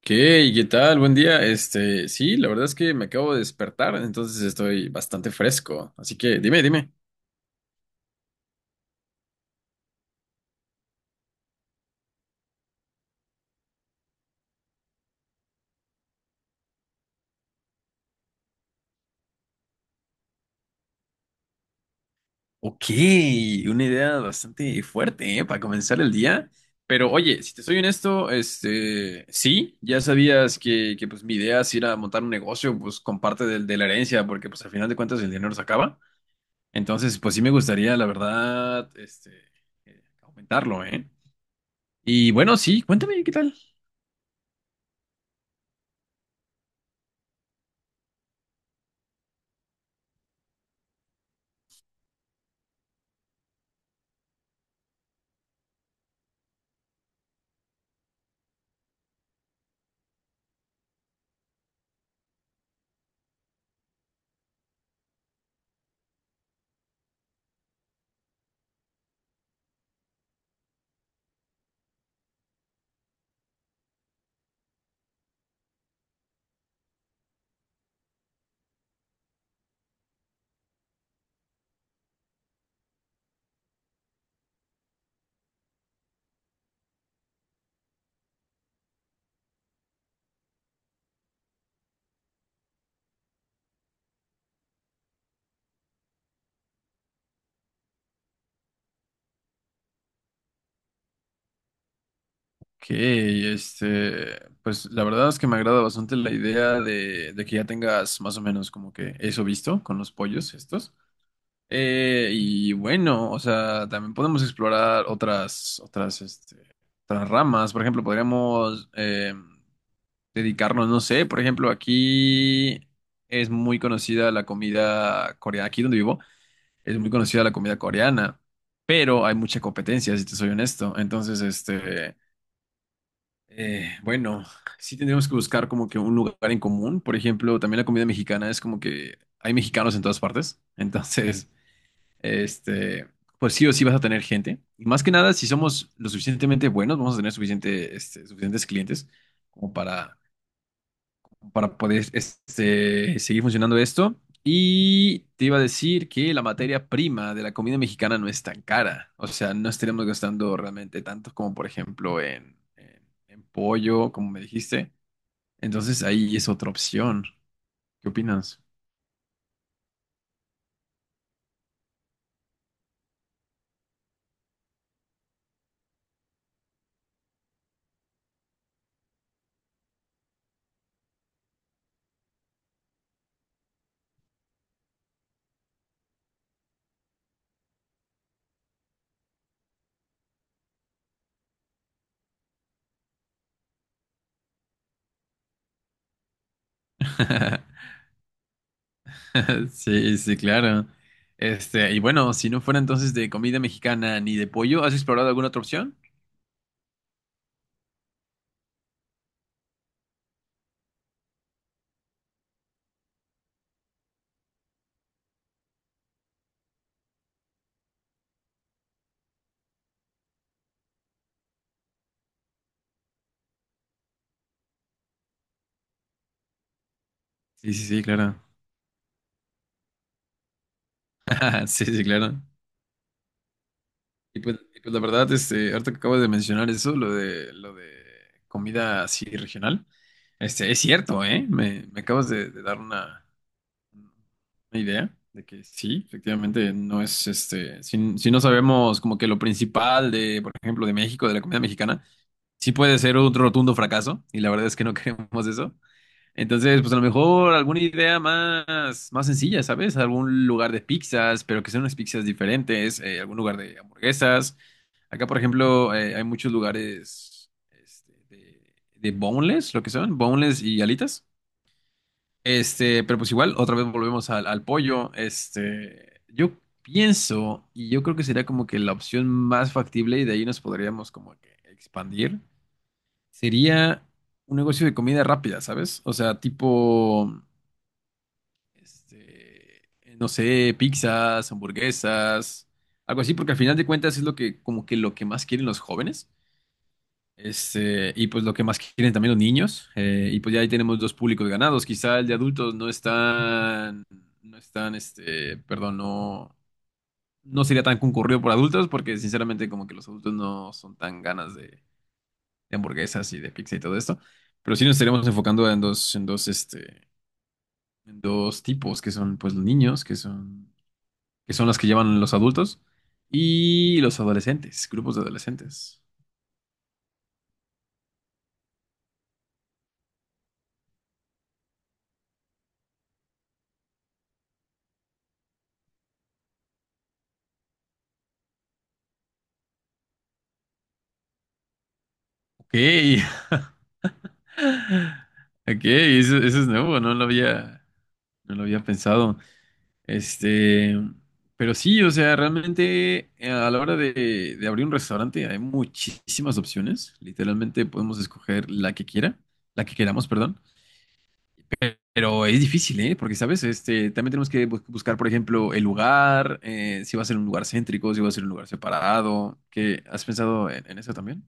¿Qué? ¿Qué tal? Buen día. Sí, la verdad es que me acabo de despertar, entonces estoy bastante fresco. Así que dime, dime. Ok, una idea bastante fuerte, ¿eh? Para comenzar el día. Pero oye, si te soy honesto, sí, ya sabías que pues mi idea es ir a montar un negocio, pues con parte de la herencia, porque pues al final de cuentas el dinero se acaba. Entonces, pues sí me gustaría, la verdad, aumentarlo, ¿eh? Y bueno, sí, cuéntame, ¿qué tal? Ok, pues la verdad es que me agrada bastante la idea de que ya tengas más o menos como que eso visto con los pollos estos. Y bueno, o sea, también podemos explorar otras ramas. Por ejemplo, podríamos dedicarnos, no sé, por ejemplo, aquí es muy conocida la comida coreana, aquí donde vivo, es muy conocida la comida coreana, pero hay mucha competencia, si te soy honesto. Bueno, sí tendríamos que buscar como que un lugar en común. Por ejemplo, también la comida mexicana es como que hay mexicanos en todas partes. Entonces, este, pues sí o sí vas a tener gente. Y más que nada, si somos lo suficientemente buenos, vamos a tener suficientes clientes como para poder seguir funcionando esto. Y te iba a decir que la materia prima de la comida mexicana no es tan cara. O sea, no estaríamos gastando realmente tanto como, por ejemplo, en pollo, como me dijiste. Entonces ahí es otra opción. ¿Qué opinas? Sí, sí, claro. Y bueno, si no fuera entonces de comida mexicana ni de pollo, ¿has explorado alguna otra opción? Sí, sí, sí, claro. Sí, sí, claro. Y pues la verdad, ahorita que acabas de mencionar eso, lo de comida así regional, es cierto, ¿eh? Me acabas de dar una idea de que sí, efectivamente, no es, si no sabemos como que lo principal de, por ejemplo, de México, de la comida mexicana, sí puede ser un rotundo fracaso, y la verdad es que no queremos eso. Entonces, pues a lo mejor alguna idea más sencilla, ¿sabes? Algún lugar de pizzas, pero que sean unas pizzas diferentes, algún lugar de hamburguesas. Acá, por ejemplo, hay muchos lugares de boneless, lo que son, boneless y alitas. Pero pues igual, otra vez volvemos al pollo. Yo pienso, y yo creo que sería como que la opción más factible, y de ahí nos podríamos como que expandir, sería un negocio de comida rápida, ¿sabes? O sea, tipo, este, no sé, pizzas, hamburguesas, algo así, porque al final de cuentas es lo que, como que lo que más quieren los jóvenes. Y pues lo que más quieren también los niños, y pues ya ahí tenemos dos públicos ganados. Quizá el de adultos no es tan, perdón, no sería tan concurrido por adultos, porque sinceramente como que los adultos no son tan ganas de hamburguesas y de pizza y todo esto. Pero sí nos estaremos enfocando en dos tipos, que son pues los niños, que son las que llevan los adultos, y los adolescentes, grupos de adolescentes. Ok. Ok, eso es nuevo, no lo había pensado. Este, pero sí, o sea, realmente a la hora de abrir un restaurante hay muchísimas opciones. Literalmente podemos escoger la que queramos, perdón. Pero es difícil, ¿eh? Porque, ¿sabes? También tenemos que buscar, por ejemplo, el lugar, si va a ser un lugar céntrico, si va a ser un lugar separado. ¿Qué? ¿Has pensado en eso también?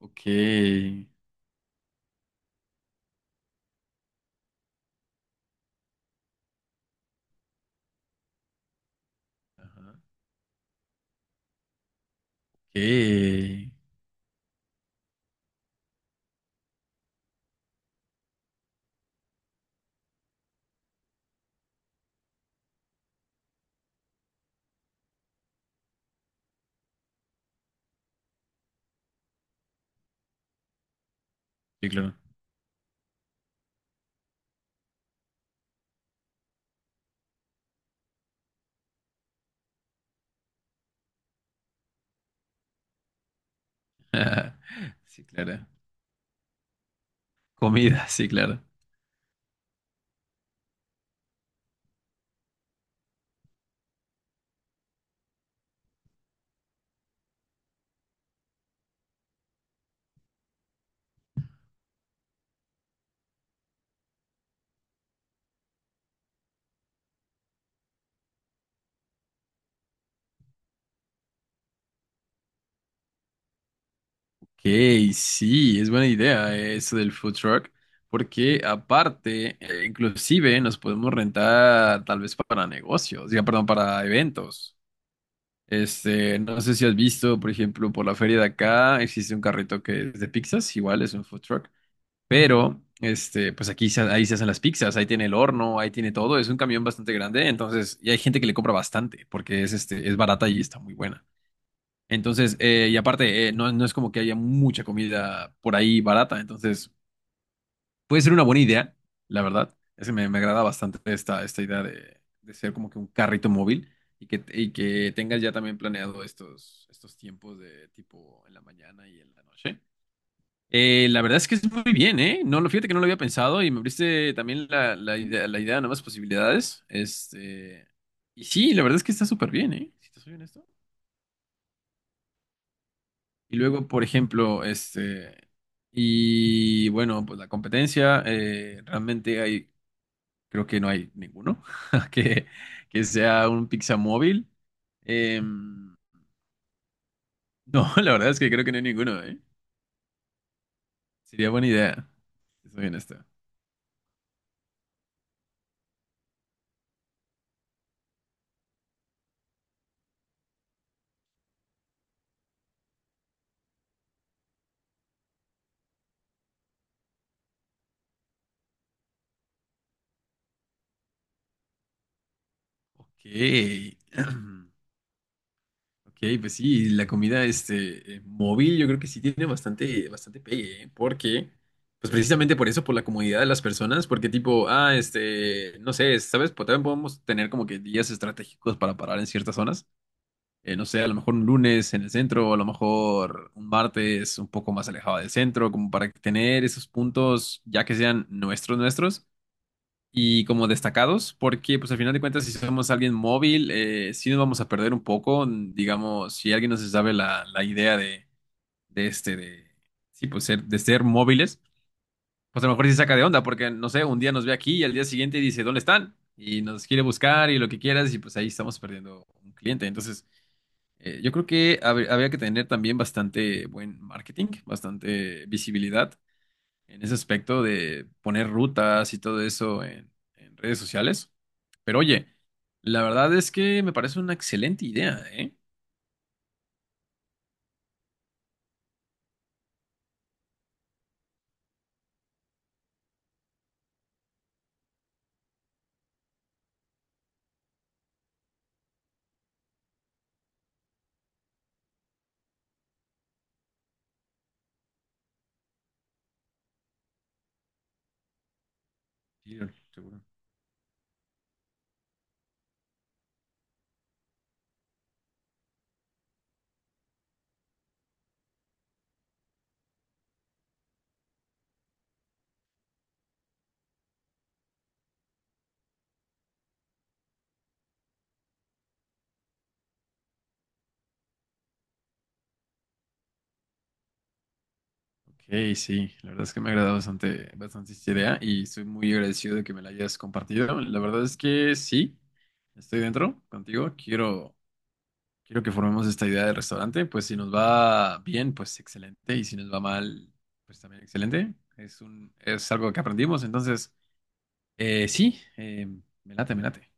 Ok. Ajá. Ok. Sí, claro. Sí, claro. Comida, sí, claro. Ok, sí, es buena idea eso del food truck, porque aparte, inclusive nos podemos rentar tal vez para negocios, ya, perdón, para eventos. No sé si has visto, por ejemplo, por la feria de acá existe un carrito que es de pizzas, igual es un food truck, pero pues ahí se hacen las pizzas, ahí tiene el horno, ahí tiene todo, es un camión bastante grande, entonces, y hay gente que le compra bastante porque es es barata y está muy buena. Entonces, y aparte, no es como que haya mucha comida por ahí barata, entonces puede ser una buena idea, la verdad. Es que me agrada bastante esta idea de ser como que un carrito móvil y que tengas ya también planeado estos tiempos de tipo en la mañana y en la noche. La verdad es que es muy bien, ¿eh? No, lo fíjate que no lo había pensado y me abriste también la idea de nuevas posibilidades. Y sí, la verdad es que está súper bien, ¿eh? Si te soy honesto. Y luego, por ejemplo, y bueno, pues la competencia, realmente hay, creo que no hay ninguno que, que sea un pizza móvil. Em, no, la verdad es que creo que no hay ninguno, ¿eh? Sería buena idea, si soy honesto. Ok. Ok, pues sí, la comida móvil yo creo que sí tiene bastante, bastante pegue, ¿eh? Porque, pues precisamente por eso, por la comodidad de las personas, porque tipo, ah, no sé, ¿sabes? Pues también podemos tener como que días estratégicos para parar en ciertas zonas. No sé, a lo mejor un lunes en el centro, a lo mejor un martes un poco más alejado del centro, como para tener esos puntos, ya que sean nuestros y como destacados, porque pues al final de cuentas si somos alguien móvil, sí nos vamos a perder un poco, mm, digamos, si alguien no se sabe la idea de este, de, sí, pues ser, de ser móviles, pues a lo mejor sí saca de onda, porque no sé, un día nos ve aquí y al día siguiente dice, ¿dónde están? Y nos quiere buscar y lo que quieras y pues ahí estamos perdiendo un cliente. Entonces, yo creo que habría que tener también bastante buen marketing, bastante visibilidad en ese aspecto de poner rutas y todo eso en redes sociales. Pero oye, la verdad es que me parece una excelente idea, ¿eh? Sí, seguro. Ok, sí, la verdad es que me ha agradado bastante, bastante esta idea y estoy muy agradecido de que me la hayas compartido. La verdad es que sí, estoy dentro contigo. Quiero, quiero que formemos esta idea de restaurante. Pues si nos va bien, pues excelente. Y si nos va mal, pues también excelente. Es un, es algo que aprendimos. Entonces... sí, me late, me late.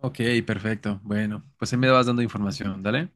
Ok, perfecto. Bueno, pues ahí me vas dando información, dale.